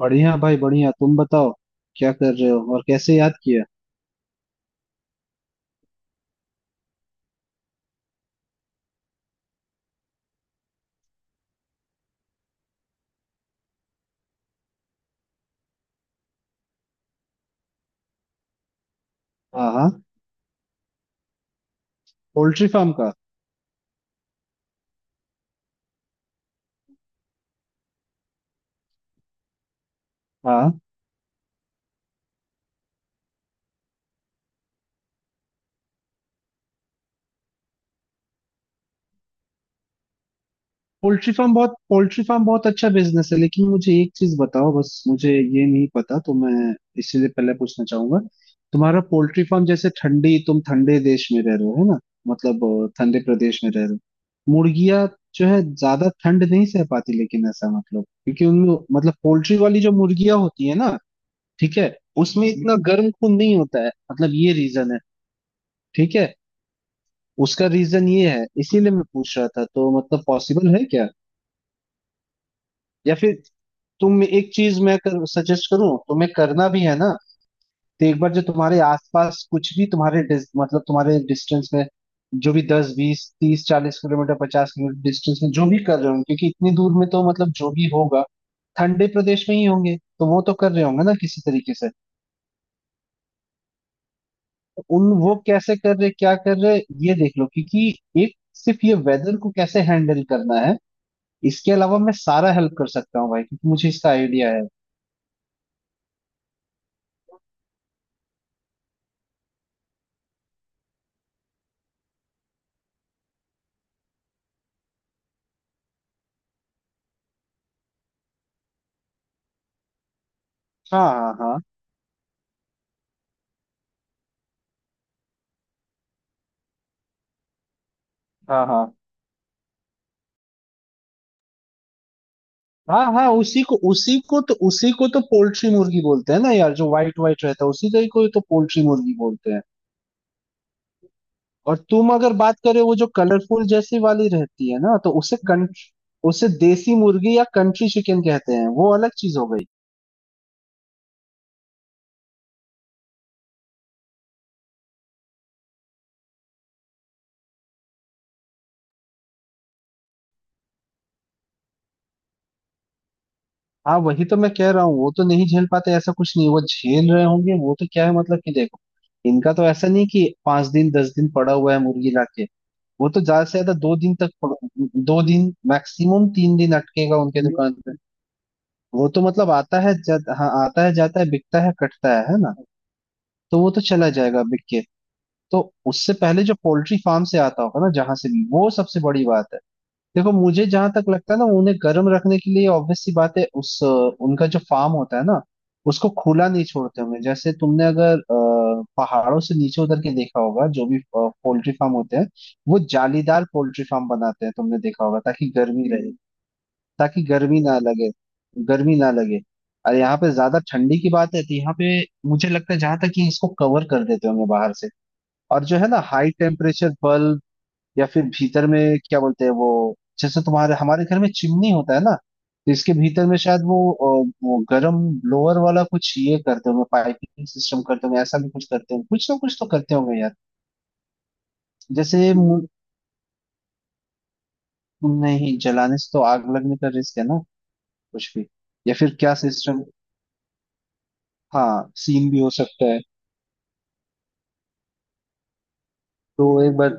बढ़िया भाई बढ़िया। तुम बताओ क्या कर रहे हो और कैसे याद किया। हाँ हाँ। पोल्ट्री फार्म का? हाँ। पोल्ट्री फार्म बहुत अच्छा बिजनेस है, लेकिन मुझे एक चीज बताओ, बस मुझे ये नहीं पता तो मैं इसीलिए पहले पूछना चाहूंगा। तुम्हारा पोल्ट्री फार्म, जैसे ठंडी तुम ठंडे देश में रह रहे हो है ना, मतलब ठंडे प्रदेश में रह रहे हो। मुर्गियां जो है ज्यादा ठंड नहीं सह पाती, लेकिन ऐसा मतलब क्योंकि उनमें मतलब पोल्ट्री वाली जो मुर्गियां होती है ना। ठीक है। उसमें इतना गर्म खून नहीं होता है, मतलब ये रीजन है। ठीक है। उसका रीजन ये है, इसीलिए मैं पूछ रहा था, तो मतलब पॉसिबल है क्या, या फिर तुम एक चीज मैं सजेस्ट करूं, तुम्हें करना भी है ना। तो एक बार जो तुम्हारे आसपास कुछ भी तुम्हारे मतलब तुम्हारे डिस्टेंस में, जो भी 10 20 30 40 किलोमीटर 50 किलोमीटर डिस्टेंस में जो भी कर रहे होंगे, क्योंकि इतनी दूर में तो मतलब जो भी होगा ठंडे प्रदेश में ही होंगे, तो वो तो कर रहे होंगे ना किसी तरीके से। तो उन, वो कैसे कर रहे, क्या कर रहे, ये देख लो। क्योंकि एक, सिर्फ ये वेदर को कैसे हैंडल करना है, इसके अलावा मैं सारा हेल्प कर सकता हूँ भाई, क्योंकि मुझे इसका आइडिया है। हाँ हाँ हाँ हाँ हाँ हाँ हाँ। उसी को तो पोल्ट्री मुर्गी बोलते हैं ना यार, जो व्हाइट व्हाइट रहता है, उसी का ही को तो पोल्ट्री मुर्गी बोलते हैं। और तुम अगर बात करे वो जो कलरफुल जैसी वाली रहती है ना, तो उसे कंट्री, उसे देसी मुर्गी या कंट्री चिकन कहते हैं, वो अलग चीज हो गई। हाँ वही तो मैं कह रहा हूँ, वो तो नहीं झेल पाते ऐसा कुछ नहीं, वो झेल रहे होंगे। वो तो क्या है, मतलब कि देखो, इनका तो ऐसा नहीं कि 5 दिन 10 दिन पड़ा हुआ है मुर्गी लाके। वो तो ज्यादा से ज्यादा 2 दिन तक 2 दिन मैक्सिमम 3 दिन अटकेगा उनके दुकान पे। वो तो मतलब आता है हाँ आता है जाता है बिकता है कटता है ना, तो वो तो चला जाएगा बिक के। तो उससे पहले जो पोल्ट्री फार्म से आता होगा ना, जहां से भी, वो सबसे बड़ी बात है। देखो मुझे जहां तक लगता है ना, उन्हें गर्म रखने के लिए ऑब्वियस सी बात है। उस उनका जो फार्म होता है ना, उसको खुला नहीं छोड़ते होंगे। जैसे तुमने अगर पहाड़ों से नीचे उतर के देखा होगा जो भी पोल्ट्री फार्म होते हैं, वो जालीदार पोल्ट्री फार्म बनाते हैं, तुमने देखा होगा, ताकि गर्मी रहे, ताकि गर्मी ना लगे। गर्मी ना लगे। और यहाँ पे ज्यादा ठंडी की बात है, तो यहाँ पे मुझे लगता है जहां तक कि इसको कवर कर देते होंगे बाहर से, और जो है ना हाई टेम्परेचर बल्ब, या फिर भीतर में क्या बोलते हैं वो, जैसे तुम्हारे हमारे घर में चिमनी होता है ना, तो इसके भीतर में शायद वो वो गर्म ब्लोअर वाला कुछ ये करते होंगे, पाइपिंग सिस्टम करते होंगे, ऐसा भी कुछ करते होंगे, कुछ ना कुछ तो करते होंगे यार। जैसे मु- नहीं, जलाने से तो आग लगने का रिस्क है ना, कुछ भी। या फिर क्या सिस्टम, हाँ सीन भी हो सकता है। तो एक बार,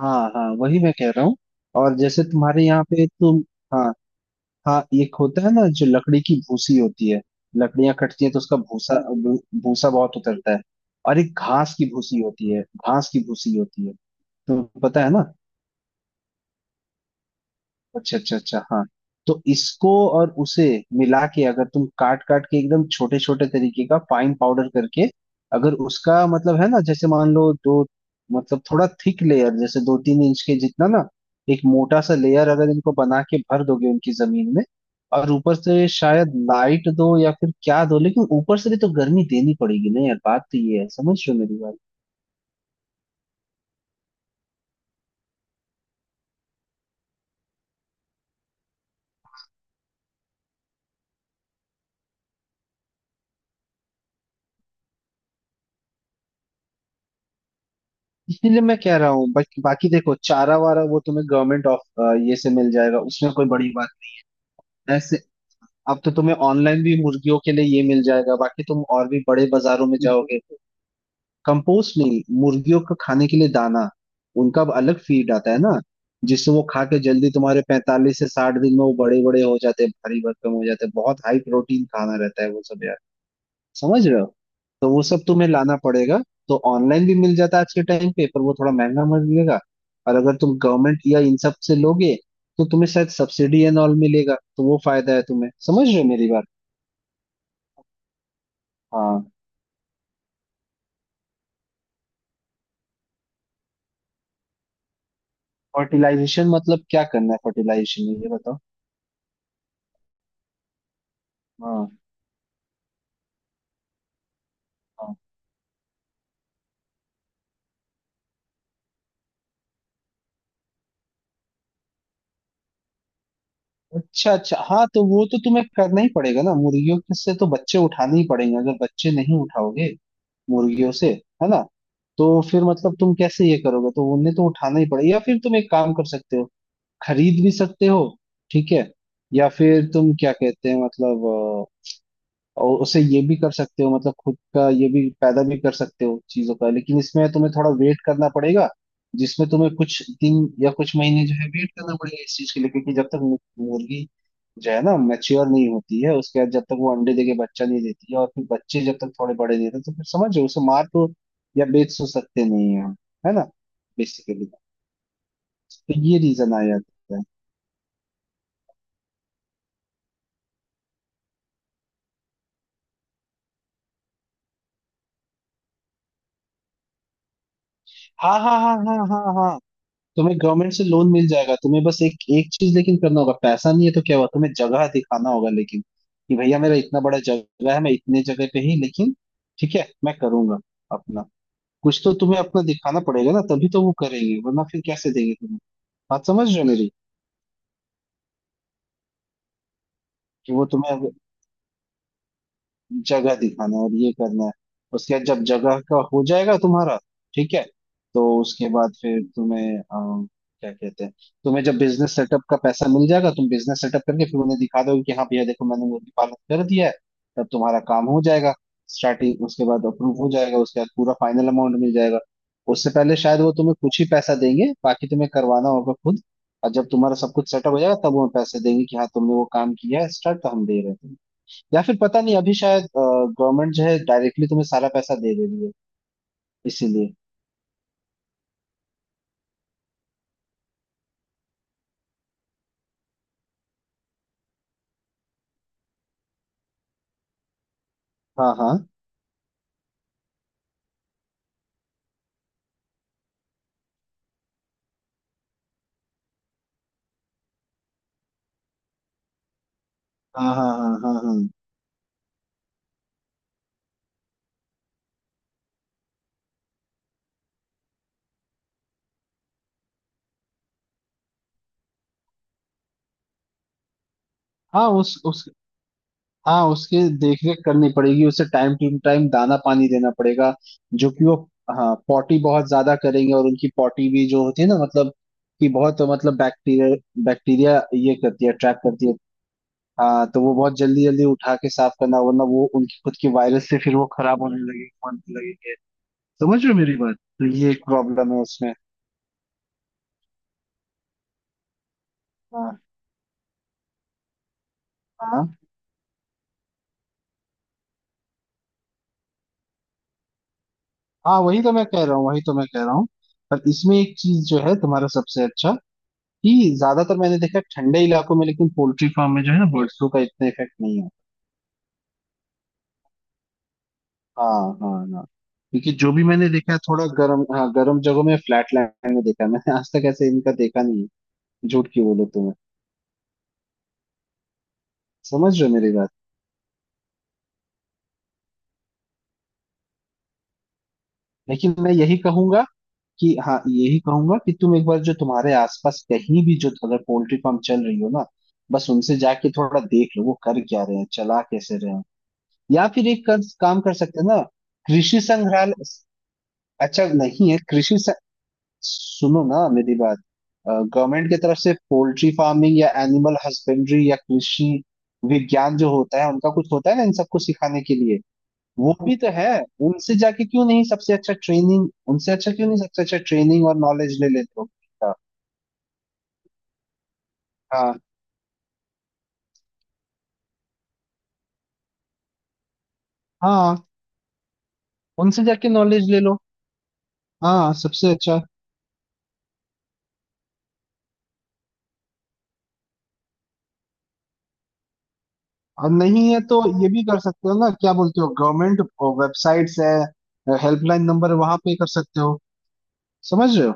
हाँ हाँ वही मैं कह रहा हूँ। और जैसे तुम्हारे यहाँ पे तुम, हाँ हाँ, एक होता है ना जो लकड़ी की भूसी होती है, लकड़ियां कटती हैं तो उसका भूसा, भूसा बहुत उतरता है। और एक घास की भूसी होती है, घास की भूसी होती है, तो पता है ना। अच्छा अच्छा अच्छा, हाँ। तो इसको और उसे मिला के अगर तुम काट काट के एकदम छोटे छोटे तरीके का फाइन पाउडर करके, अगर उसका मतलब है ना, जैसे मान लो दो, मतलब थोड़ा थिक लेयर जैसे 2-3 इंच के जितना ना, एक मोटा सा लेयर अगर इनको बना के भर दोगे उनकी जमीन में, और ऊपर से शायद लाइट दो या फिर क्या दो, लेकिन ऊपर से भी तो गर्मी देनी पड़ेगी ना यार, बात तो ये है, समझ रहे हो मेरी बात। इसीलिए मैं कह रहा हूँ। बाकी बाकी देखो, चारा वारा वो तुम्हें गवर्नमेंट ऑफ ये से मिल जाएगा, उसमें कोई बड़ी बात। That's it. अब तो तुम्हें ऑनलाइन भी मुर्गियों के लिए ये मिल जाएगा, बाकी तुम और भी बड़े बाजारों में जाओगे। कंपोस्ट नहीं, मुर्गियों का खाने के लिए दाना। उनका अब अलग फीड आता है ना, जिससे वो खा के जल्दी तुम्हारे 45 से 60 दिन में वो बड़े बड़े हो जाते हैं, भारी भरकम हो जाते हैं, बहुत हाई प्रोटीन खाना रहता है वो सब यार। समझ रहे हो। तो वो सब तुम्हें लाना पड़ेगा। तो ऑनलाइन भी मिल जाता है आज के टाइम पे, पर वो थोड़ा महंगा मिलेगा। और अगर तुम गवर्नमेंट या इन सब से लोगे, तो तुम्हें शायद सब्सिडी एंड ऑल मिलेगा, तो वो फायदा है तुम्हें, समझ रहे हो मेरी बात। हाँ। फर्टिलाइजेशन मतलब क्या करना है फर्टिलाइजेशन में, ये बताओ। हाँ हाँ। अच्छा अच्छा, हाँ, तो वो तो तुम्हें करना ही पड़ेगा ना, मुर्गियों के से तो बच्चे उठाने ही पड़ेंगे, अगर बच्चे नहीं उठाओगे मुर्गियों से, है ना, तो फिर मतलब तुम कैसे ये करोगे, तो उन्हें तो उठाना ही पड़ेगा, या फिर तुम एक काम कर सकते हो, खरीद भी सकते हो। ठीक है। या फिर तुम क्या कहते हैं मतलब, और उसे ये भी कर सकते हो, मतलब खुद का ये भी पैदा भी कर सकते हो चीजों का, लेकिन इसमें तुम्हें थोड़ा वेट करना पड़ेगा, जिसमें तुम्हें कुछ दिन या कुछ महीने जो है वेट करना पड़ेगा इस चीज के लिए। क्योंकि जब तक मुर्गी जो है ना मैच्योर नहीं होती है, उसके बाद जब तक वो अंडे देके बच्चा नहीं देती है, और फिर बच्चे जब तक थोड़े बड़े नहीं होते, तो फिर समझ जाओ उसे मार तो या बेच तो सकते नहीं है है ना, बेसिकली। तो ये रीजन आ जाता है। हाँ हाँ हाँ हाँ हाँ हाँ तुम्हें गवर्नमेंट से लोन मिल जाएगा तुम्हें बस एक एक चीज लेकिन करना होगा पैसा नहीं है तो क्या हुआ तुम्हें जगह दिखाना होगा लेकिन कि भैया मेरा इतना बड़ा जगह है मैं इतने जगह पे ही लेकिन ठीक है मैं करूंगा अपना कुछ तो तुम्हें अपना दिखाना पड़ेगा ना तभी तो वो करेंगे वरना फिर कैसे देंगे तुम्हें बात समझ रहे हो मेरी कि वो तुम्हें जगह दिखाना है और ये करना है उसके बाद जब जगह का हो जाएगा तुम्हारा ठीक है तो उसके बाद फिर तुम्हें अ, क्या कहते हैं तुम्हें जब बिजनेस सेटअप का पैसा मिल जाएगा तुम बिजनेस सेटअप करके फिर उन्हें दिखा दोगे कि हाँ भैया देखो मैंने मुर्गी पालन कर दिया है तब तुम्हारा काम हो जाएगा स्टार्टिंग उसके बाद अप्रूव हो जाएगा उसके बाद पूरा फाइनल अमाउंट मिल जाएगा उससे पहले शायद वो तुम्हें कुछ ही पैसा देंगे बाकी तुम्हें करवाना होगा खुद और जब तुम्हारा सब कुछ सेटअप हो जाएगा तब वो पैसे देंगे कि हाँ तुमने वो काम किया है स्टार्ट तो हम दे रहे हैं या फिर पता नहीं अभी शायद गवर्नमेंट जो है डायरेक्टली तुम्हें सारा पैसा दे दे रही है इसीलिए हाँ हाँ हाँ हाँ हाँ हाँ हाँ हाँ। उस हाँ, उसके देख रेख करनी पड़ेगी, उसे टाइम टू टाइम दाना पानी देना पड़ेगा। जो कि वो, हाँ पॉटी बहुत ज्यादा करेंगे, और उनकी पॉटी भी जो होती है ना, मतलब कि बहुत, मतलब बैक्टीरिया, बैक्टीरिया ये करती है, अट्रैक्ट करती है। हाँ, तो वो बहुत जल्दी जल्दी उठा के साफ करना, वरना वो उनकी खुद की वायरस से फिर वो खराब होने लगेगी, होने लगेंगे, समझ रहे हो मेरी बात, तो ये एक प्रॉब्लम है उसमें। हाँ हाँ हाँ, वही तो मैं कह रहा हूँ, वही तो मैं कह रहा हूँ। पर इसमें एक चीज जो है तुम्हारा सबसे अच्छा, कि ज्यादातर मैंने देखा है ठंडे इलाकों में, लेकिन पोल्ट्री फार्म में जो है ना बर्ड फ्लू का इतना इफेक्ट नहीं है। हाँ हाँ हाँ। क्योंकि जो भी मैंने देखा है थोड़ा गर्म, हाँ गर्म जगहों में, फ्लैट लैंड में देखा है मैंने, आज तक ऐसे इनका देखा नहीं है, झूठ क्यों बोलो तुम्हें। समझ रहे हो मेरी बात। लेकिन मैं यही कहूंगा, कि हाँ, यही कहूंगा कि तुम एक बार जो तुम्हारे आसपास कहीं भी जो अगर पोल्ट्री फार्म चल रही हो ना, बस उनसे जाके थोड़ा देख लो वो कर क्या रहे हैं, चला कैसे रहे हैं। या फिर एक काम कर सकते हैं ना, कृषि संग्रहालय, अच्छा नहीं है? सुनो ना मेरी बात। गवर्नमेंट की तरफ से पोल्ट्री फार्मिंग या एनिमल हस्बेंड्री या कृषि विज्ञान जो होता है, उनका कुछ होता है ना इन सबको सिखाने के लिए, वो भी तो है। उनसे जाके क्यों नहीं सबसे अच्छा ट्रेनिंग, उनसे अच्छा क्यों नहीं सबसे अच्छा ट्रेनिंग और नॉलेज ले लेते हो। हाँ, हाँ उनसे जाके नॉलेज ले लो। हाँ सबसे अच्छा। और नहीं है तो ये भी कर सकते हो ना, क्या बोलते हो, गवर्नमेंट वेबसाइट्स है, हेल्पलाइन नंबर, वहां पे कर सकते हो। समझ रहे हो।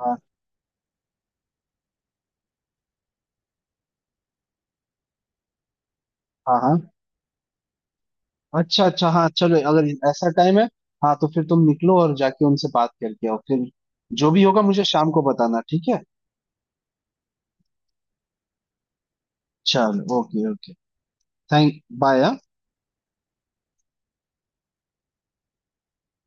हाँ हाँ हाँ। अच्छा अच्छा, हाँ चलो, अगर ऐसा टाइम है, हाँ तो फिर तुम निकलो और जाके उनसे बात करके आओ फिर। जो भी होगा मुझे शाम को बताना, ठीक है। चलो, ओके ओके। Thank bye.